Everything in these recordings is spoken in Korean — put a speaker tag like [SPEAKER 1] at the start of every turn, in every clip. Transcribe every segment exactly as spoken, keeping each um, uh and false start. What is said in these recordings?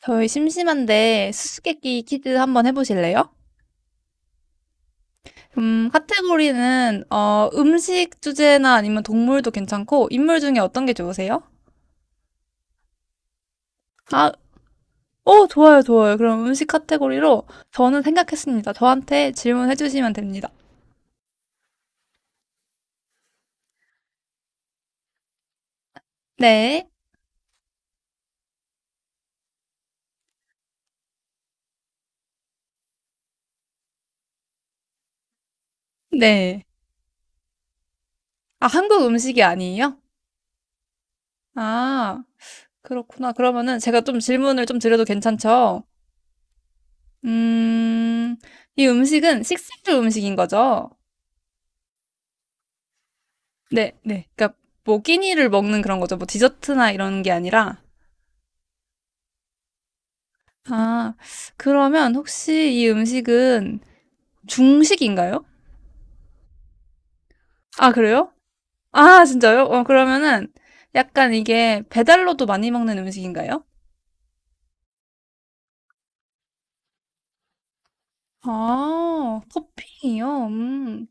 [SPEAKER 1] 저희 심심한데 수수께끼 퀴즈 한번 해보실래요? 음, 카테고리는 어, 음식 주제나 아니면 동물도 괜찮고 인물 중에 어떤 게 좋으세요? 아, 어, 좋아요, 좋아요. 그럼 음식 카테고리로 저는 생각했습니다. 저한테 질문해 주시면 됩니다. 네, 네. 아, 한국 음식이 아니에요? 아, 그렇구나. 그러면은 제가 좀 질문을 좀 드려도 괜찮죠? 음, 이 음식은 식사류 음식인 거죠? 네, 네. 그러니까 뭐 끼니를 먹는 그런 거죠. 뭐 디저트나 이런 게 아니라. 아, 그러면 혹시 이 음식은 중식인가요? 아, 그래요? 아, 진짜요? 어, 그러면은 약간 이게 배달로도 많이 먹는 음식인가요? 아, 토핑이요? 음.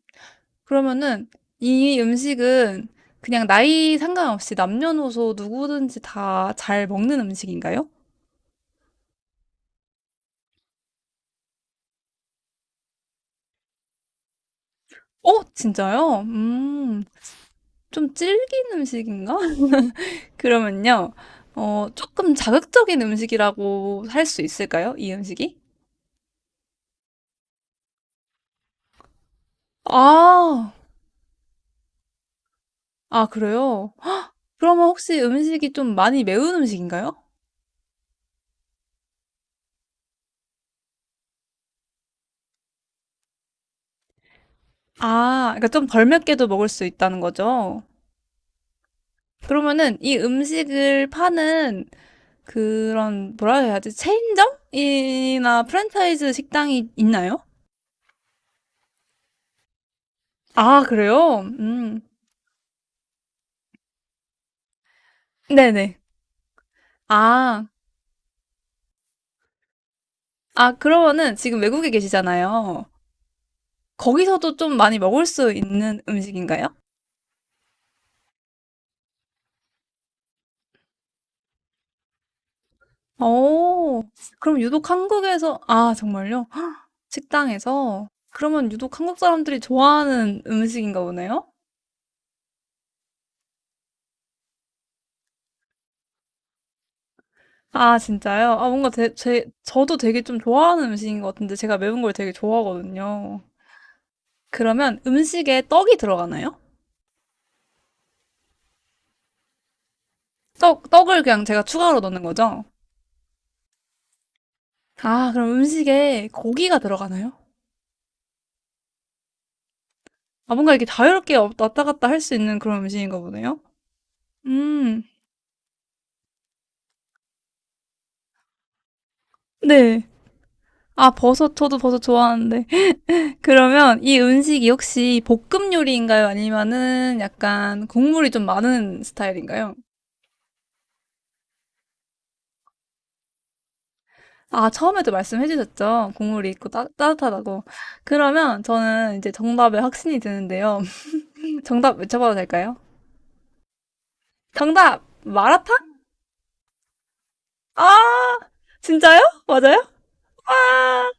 [SPEAKER 1] 그러면은 이 음식은 그냥 나이 상관없이 남녀노소 누구든지 다 잘 먹는 음식인가요? 어, 진짜요? 음, 좀 질긴 음식인가? 그러면요, 어, 조금 자극적인 음식이라고 할 수 있을까요? 이 음식이? 아, 아, 그래요? 그러면 혹시 음식이 좀 많이 매운 음식인가요? 아, 그러니까 좀 덜 맵게도 먹을 수 있다는 거죠. 그러면은 이 음식을 파는 그런, 뭐라 해야 하지? 체인점이나 프랜차이즈 식당이 있나요? 아, 그래요? 음, 네네. 아, 아, 그러면은 지금 외국에 계시잖아요. 거기서도 좀 많이 먹을 수 있는 음식인가요? 오, 그럼 유독 한국에서, 아, 정말요? 헉, 식당에서? 그러면 유독 한국 사람들이 좋아하는 음식인가 보네요? 아, 진짜요? 아, 뭔가 제, 제, 저도 되게 좀 좋아하는 음식인 것 같은데 제가 매운 걸 되게 좋아하거든요. 그러면 음식에 떡이 들어가나요? 떡, 떡을 그냥 제가 추가로 넣는 거죠? 아, 그럼 음식에 고기가 들어가나요? 아, 뭔가 이렇게 자유롭게 왔다 갔다 할 수 있는 그런 음식인가 보네요? 음, 네. 아, 버섯, 저도 버섯 좋아하는데. 그러면 이 음식이 혹시 볶음 요리인가요? 아니면은 약간 국물이 좀 많은 스타일인가요? 아, 처음에도 말씀해 주셨죠? 국물이 있고 따, 따뜻하다고. 그러면 저는 이제 정답에 확신이 드는데요. 정답 외쳐봐도 될까요? 정답! 마라탕? 아! 진짜요? 맞아요? 아!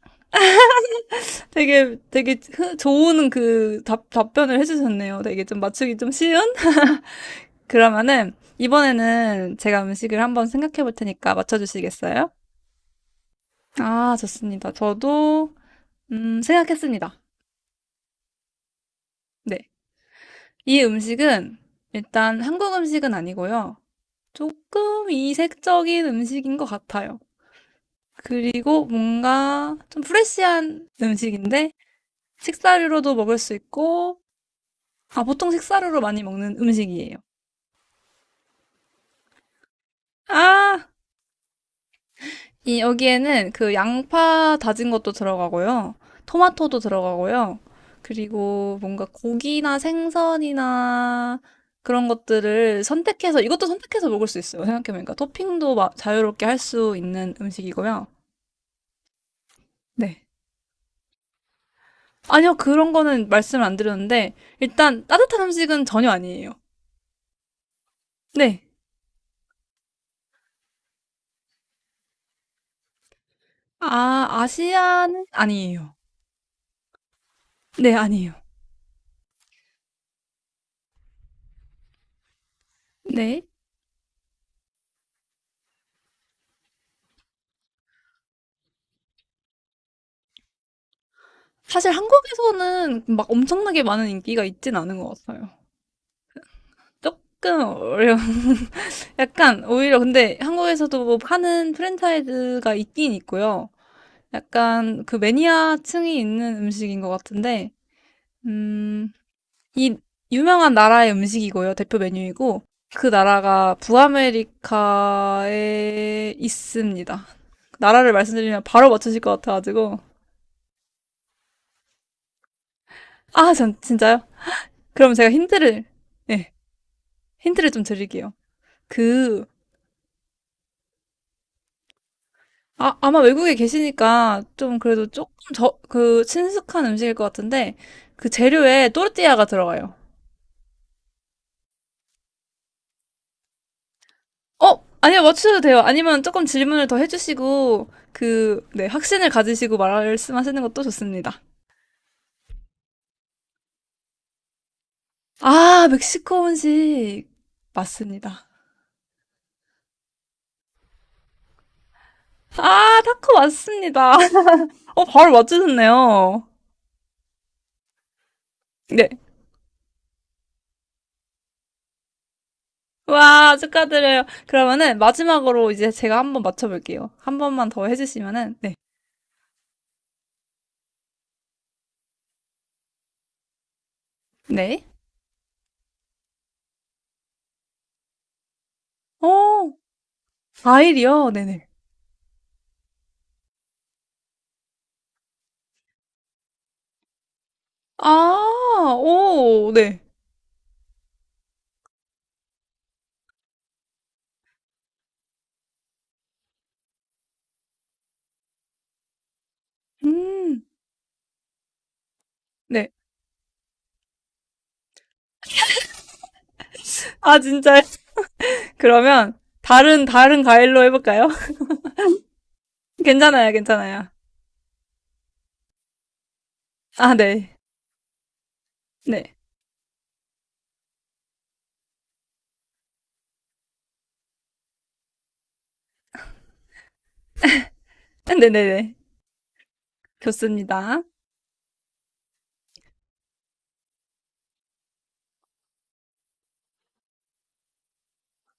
[SPEAKER 1] 되게, 되게 흐- 좋은 그 답, 답변을 해주셨네요. 되게 좀 맞추기 좀 쉬운? 그러면은 이번에는 제가 음식을 한번 생각해 볼 테니까 맞춰 주시겠어요? 아, 좋습니다. 저도 음, 생각했습니다. 네. 이 음식은 일단 한국 음식은 아니고요. 조금 이색적인 음식인 것 같아요. 그리고 뭔가 좀 프레시한 음식인데 식사류로도 먹을 수 있고 아, 보통 식사류로 많이 먹는 음식이에요. 아, 이 여기에는 그 양파 다진 것도 들어가고요. 토마토도 들어가고요. 그리고 뭔가 고기나 생선이나 그런 것들을 선택해서 이것도 선택해서 먹을 수 있어요. 생각해보니까 토핑도 마- 자유롭게 할 수 있는 음식이고요. 네. 아니요, 그런 거는 말씀을 안 드렸는데 일단 따뜻한 음식은 전혀 아니에요. 네. 아, 아시아는 아니에요. 네, 아니에요. 네. 사실 한국에서는 막 엄청나게 많은 인기가 있진 않은 것 같아요. 조금 어려운. 약간 오히려 근데 한국에서도 뭐 하는 프랜차이즈가 있긴 있고요. 약간 그 매니아층이 있는 음식인 것 같은데, 음, 이 유명한 나라의 음식이고요. 대표 메뉴이고, 그 나라가 북아메리카에 있습니다. 나라를 말씀드리면 바로 맞추실 것 같아가지고. 아, 전, 진짜요? 그럼 제가 힌트를, 네, 힌트를 좀 드릴게요. 그 아, 아마 외국에 계시니까 좀 그래도 조금 저, 그 친숙한 음식일 것 같은데 그 재료에 또르띠아가 들어가요. 어, 아니요, 맞추셔도 돼요. 아니면 조금 질문을 더 해주시고 그, 네, 확신을 가지시고 말씀하시는 것도 좋습니다. 아, 멕시코 음식 맞습니다. 아, 타코 맞습니다. 어, 바로 맞추셨네요. 네. 와, 축하드려요. 그러면은 마지막으로 이제 제가 한번 맞춰볼게요. 한 번만 더 해주시면은, 네. 네. 어, 과일이요? 네네. 아, 오, 네. 음, 네. 아, 진짜. 그러면, 다른, 다른 과일로 해볼까요? 괜찮아요, 괜찮아요. 아, 네. 네. 네네네. 좋습니다.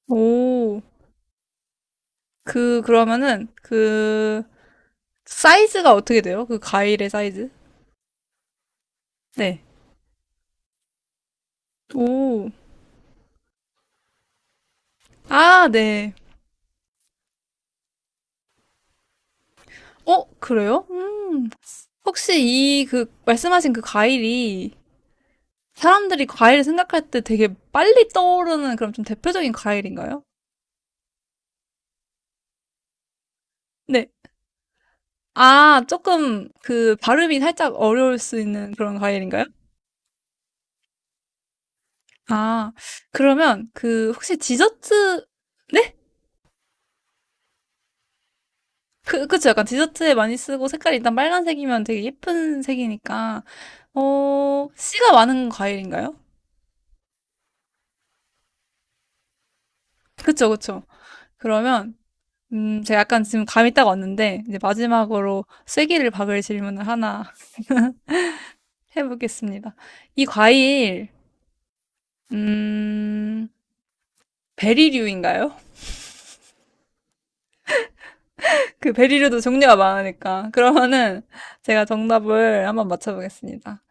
[SPEAKER 1] 오, 그, 그러면은, 그, 사이즈가 어떻게 돼요? 그 과일의 사이즈? 네. 오, 아, 네. 어, 그래요? 음, 혹시 이, 그, 말씀하신 그 과일이, 사람들이 과일 생각할 때 되게 빨리 떠오르는 그런 좀 대표적인 과일인가요? 네. 아, 조금 그 발음이 살짝 어려울 수 있는 그런 과일인가요? 아, 그러면 그 혹시 디저트, 네? 그, 그쵸. 약간 디저트에 많이 쓰고 색깔이 일단 빨간색이면 되게 예쁜 색이니까, 어, 씨가 많은 과일인가요? 그쵸, 그쵸. 그러면, 음, 제가 약간 지금 감이 딱 왔는데, 이제 마지막으로 쐐기를 박을 질문을 하나 해보겠습니다. 이 과일, 음, 베리류인가요? 그 베리류도 종류가 많으니까. 그러면은 제가 정답을 한번 맞춰보겠습니다.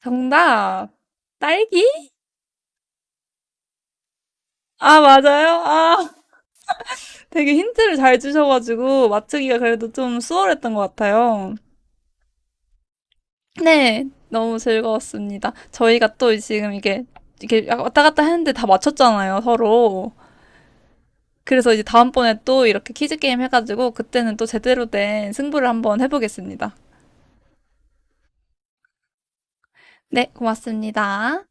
[SPEAKER 1] 정답! 딸기? 아, 맞아요? 아, 되게 힌트를 잘 주셔가지고 맞추기가 그래도 좀 수월했던 것 같아요. 네, 너무 즐거웠습니다. 저희가 또 지금 이게, 이게 왔다 갔다 했는데 다 맞췄잖아요, 서로. 그래서 이제 다음번에 또 이렇게 퀴즈 게임 해가지고 그때는 또 제대로 된 승부를 한번 해보겠습니다. 네, 고맙습니다.